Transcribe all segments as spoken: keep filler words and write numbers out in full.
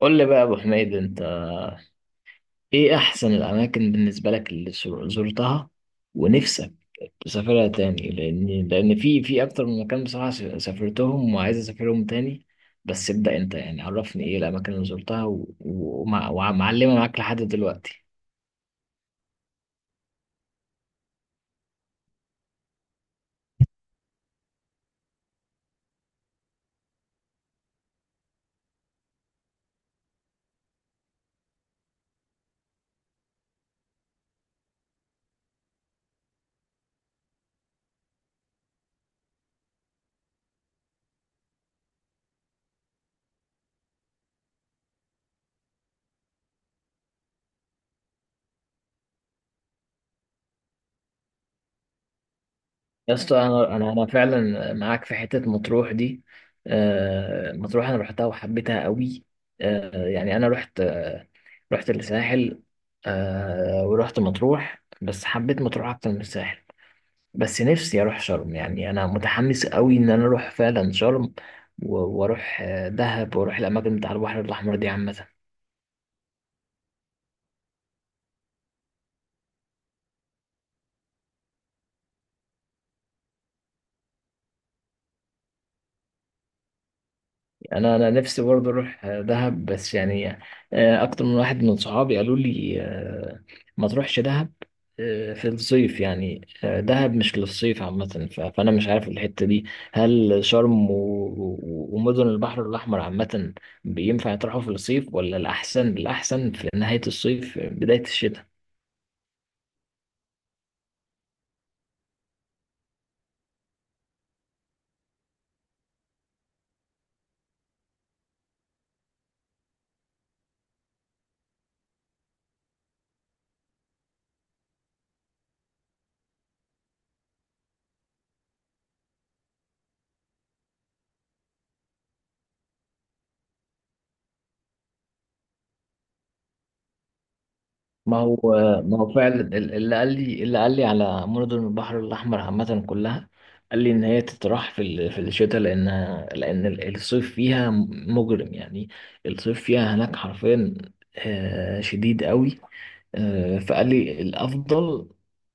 قول لي بقى يا ابو حميد، انت ايه احسن الاماكن بالنسبه لك اللي زو- زرتها، ونفسك تسافرها تاني؟ لان لان في في اكتر من مكان بصراحه س- سافرتهم وعايز اسافرهم تاني. بس ابدا انت، يعني عرفني ايه الاماكن اللي زرتها و- و- ومع- ومعلمه معاك لحد دلوقتي. يا اسطى، انا انا انا فعلا معاك في حته مطروح دي. آه، مطروح انا رحتها وحبيتها قوي. آه، يعني انا رحت، رحت الساحل. آه ورحت مطروح، بس حبيت مطروح اكتر من الساحل. بس نفسي اروح شرم، يعني انا متحمس قوي ان انا اروح فعلا شرم، و- واروح آه، دهب، واروح الاماكن بتاع البحر الاحمر دي عامه. انا انا نفسي برضه اروح دهب، بس يعني آه، اكتر من واحد من صحابي قالوا لي آه، ما تروحش دهب آه، في الصيف، يعني آه، دهب مش للصيف عامة. ف- فأنا مش عارف الحتة دي، هل شرم و- و- ومدن البحر الأحمر عامة بينفع يطرحوا في الصيف، ولا الأحسن، الأحسن في نهاية الصيف بداية الشتاء؟ ما هو ما هو فعلا ال- اللي قال لي اللي قال لي على مدن البحر الأحمر عامة كلها قال لي إن هي تتراح في ال- في الشتاء، لأن لأن ال- الصيف فيها مجرم يعني، الصيف فيها هناك حرفيا آه، شديد قوي. آه، فقال لي الأفضل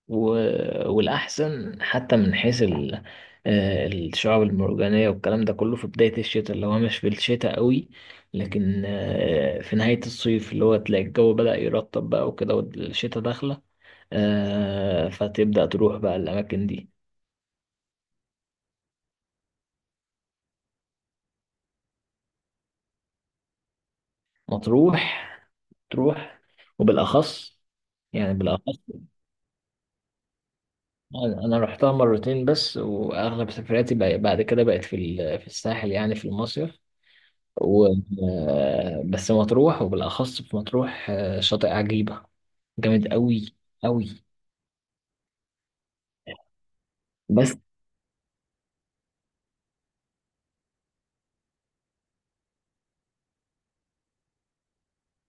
و- والأحسن حتى من حيث ال- آه، الشعاب المرجانية والكلام ده كله في بداية الشتاء، اللي هو مش في الشتاء قوي، لكن آه، في نهاية الصيف، اللي هو تلاقي الجو بدأ يرطب بقى وكده، والشتاء داخلة. آه، فتبدأ تروح بقى الأماكن دي. مطروح، تروح، وبالأخص، يعني بالأخص، أنا أنا رحتها مرتين بس، وأغلب سفرياتي بقى- بعد كده بقت في ال- في الساحل، يعني في المصيف. و... آه، بس مطروح، وبالأخص في مطروح آه، شاطئ عجيبة جامد أوي أوي. بس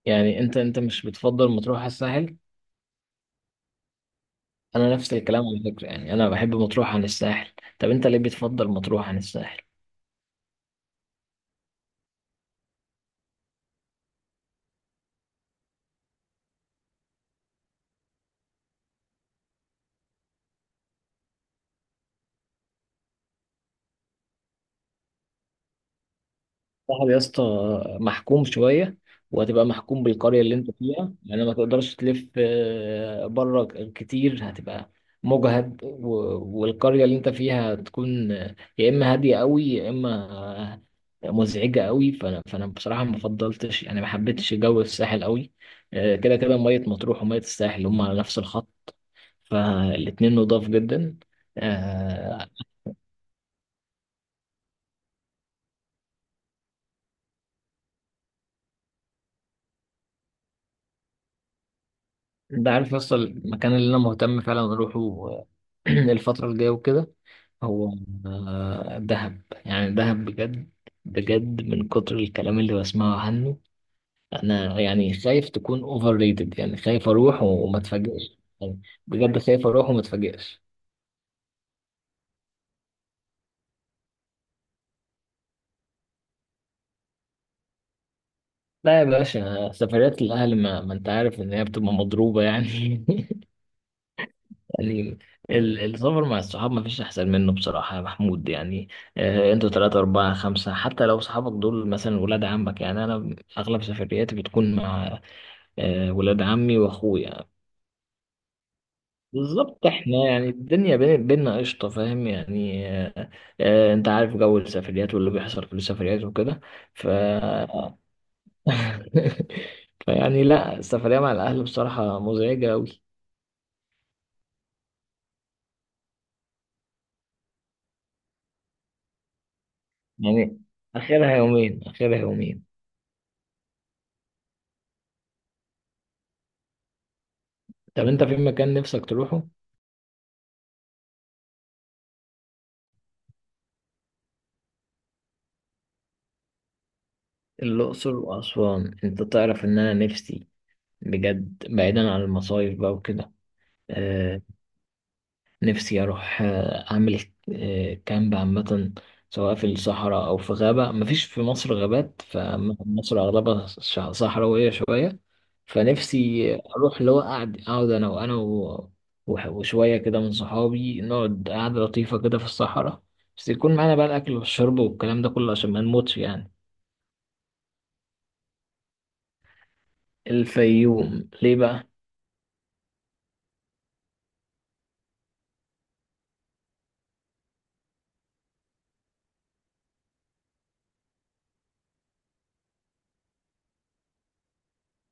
يعني أنت أنت مش بتفضل مطروح على الساحل؟ أنا نفس الكلام على فكرة، يعني أنا بحب مطروح عن الساحل. طب أنت ليه بتفضل مطروح عن الساحل؟ صاحبي يا اسطى محكوم شوية، وهتبقى محكوم بالقرية اللي انت فيها، يعني ما تقدرش تلف آه، بره كتير. هتبقى مجهد، و- والقرية اللي انت فيها هتكون آه، يا اما هادية قوي، يا اما آه، مزعجة قوي. فانا فانا بصراحة ما فضلتش، يعني ما حبيتش جو الساحل قوي. آه، كده كده مية مطروح ومية الساحل هم على نفس الخط، فالاتنين نضاف جدا. آه، ده عارف يا اسطى المكان اللي انا مهتم فعلا اروحه، آه، الفترة الجاية وكده؟ هو آه، دهب، يعني دهب بجد، بجد من كتر الكلام اللي بسمعه عنه. انا يعني خايف تكون اوفر ريتد، يعني خايف اروح و- وما اتفاجئش، يعني بجد خايف اروح وما اتفاجئش. لا يا باشا، سفريات الاهل، ما, ما انت عارف ان هي بتبقى مضروبة يعني يعني ال- السفر مع الصحاب ما فيش احسن منه بصراحة يا محمود، يعني آه، انتوا ثلاثة أربعة خمسة حتى لو صحابك دول مثلا ولاد عمك. يعني انا اغلب سفرياتي بتكون مع آه، ولاد عمي واخويا. بالظبط، احنا يعني الدنيا بين بينا قشطة، فاهم يعني آه آه انت عارف جو السفريات واللي بيحصل في السفريات وكده. ف فيعني لا، السفرية مع الأهل بصراحة مزعجة أوي. يعني آخرها يومين، آخرها يومين. طب أنت في مكان نفسك تروحه؟ الأقصر وأسوان، أنت تعرف إن أنا نفسي، بجد بعيدا عن المصايف بقى وكده، نفسي أروح آه، أعمل آه، كامب عامة، سواء في الصحراء أو في غابة. مفيش في مصر غابات، فمصر أغلبها ش- صحراوية شوية. فنفسي أروح اللي هو أقعد، أقعد أنا وأنا و- وح- وشوية كده من صحابي، نقعد قعدة لطيفة كده في الصحراء، بس يكون معانا بقى الأكل والشرب والكلام ده كله عشان ما نموتش يعني. الفيوم ليه بقى؟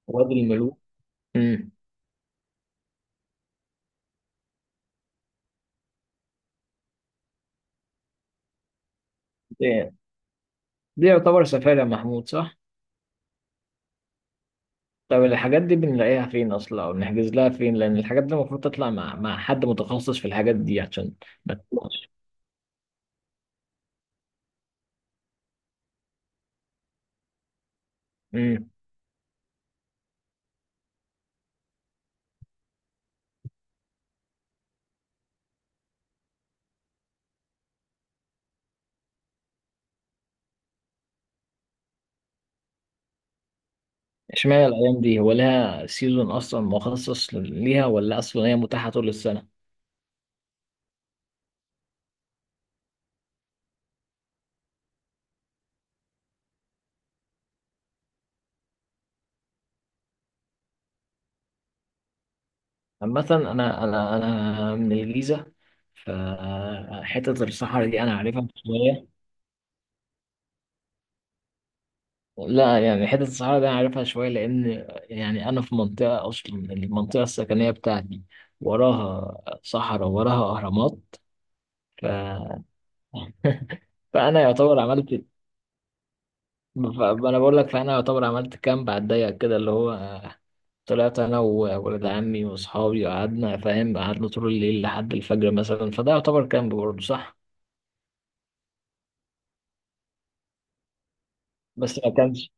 وادي الملوك. مم. ده ده يعتبر سفاري يا محمود صح؟ طب الحاجات دي بنلاقيها فين اصلا، او بنحجز لها فين؟ لان الحاجات دي المفروض تطلع مع مع حد متخصص في الحاجات دي عشان ما تطلعش. امم. اشمعنى الايام دي؟ هو لها سيزون اصلا مخصص ليها، ولا اصلا هي متاحه طول السنه؟ عامه، انا انا انا من الجيزه، فحته الصحراء دي انا عارفها شويه. لا يعني حته الصحراء دي انا عارفها شويه، لان يعني انا في منطقه، اصلا المنطقه السكنيه بتاعتي وراها صحراء، وراها اهرامات. ف فانا يعتبر عملت، ف- انا بقول لك، فانا يعتبر عملت كامب على الضيق كده، اللي هو طلعت انا وولد عمي واصحابي، وقعدنا فاهم، قعدنا طول الليل لحد الفجر مثلا، فده يعتبر كامب برضه صح؟ بس ما كانش،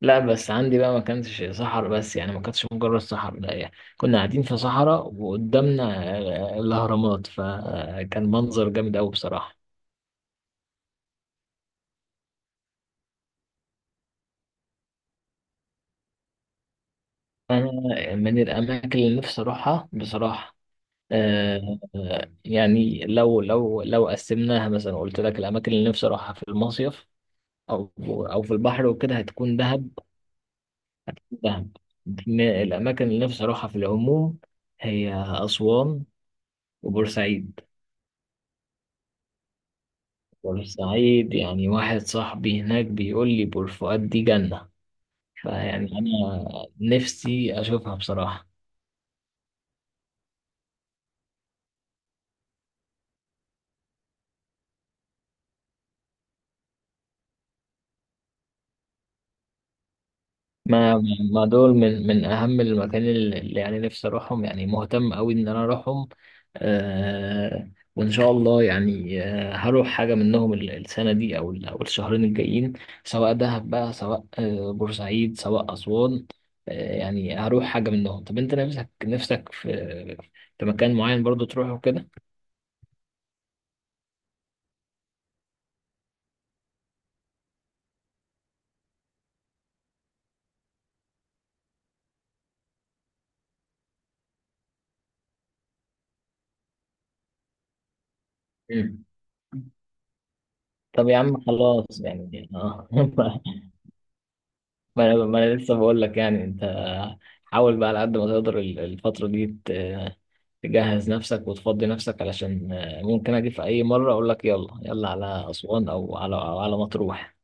لا بس عندي بقى ما كانش صحراء، بس يعني ما كانتش مجرد صحراء، لا يعني كنا قاعدين في صحراء وقدامنا آه، الاهرامات، فكان منظر جامد قوي بصراحة. انا من الاماكن اللي نفسي اروحها بصراحة، آه، آه، يعني، لو لو لو قسمناها مثلا، قلت لك الاماكن اللي نفسي اروحها في المصيف، او او في البحر وكده، هتكون دهب. دهب. ن- الاماكن اللي نفسي اروحها في العموم هي اسوان وبورسعيد. بورسعيد يعني، واحد صاحبي هناك بيقول لي بور فؤاد دي جنة، فيعني انا نفسي اشوفها بصراحة. ما ما دول من من اهم المكان اللي اللي يعني نفسي اروحهم، يعني مهتم قوي ان انا اروحهم. آه وان شاء الله يعني آه هروح حاجه منهم ال- السنه دي، او ال- او الشهرين الجايين، سواء دهب بقى، سواء آه بورسعيد، سواء اسوان. آه يعني هروح حاجه منهم. طب انت نفسك نفسك في في مكان معين برضو تروحه كده؟ مم. طب يا عم خلاص، يعني اه ما انا ما أنا لسه بقول لك، يعني انت حاول بقى على قد ما تقدر ال- الفترة دي ت- تجهز نفسك وتفضي نفسك، علشان آه، ممكن اجي في اي مرة اقول لك يلا يلا على اسوان، او على أو على مطروح.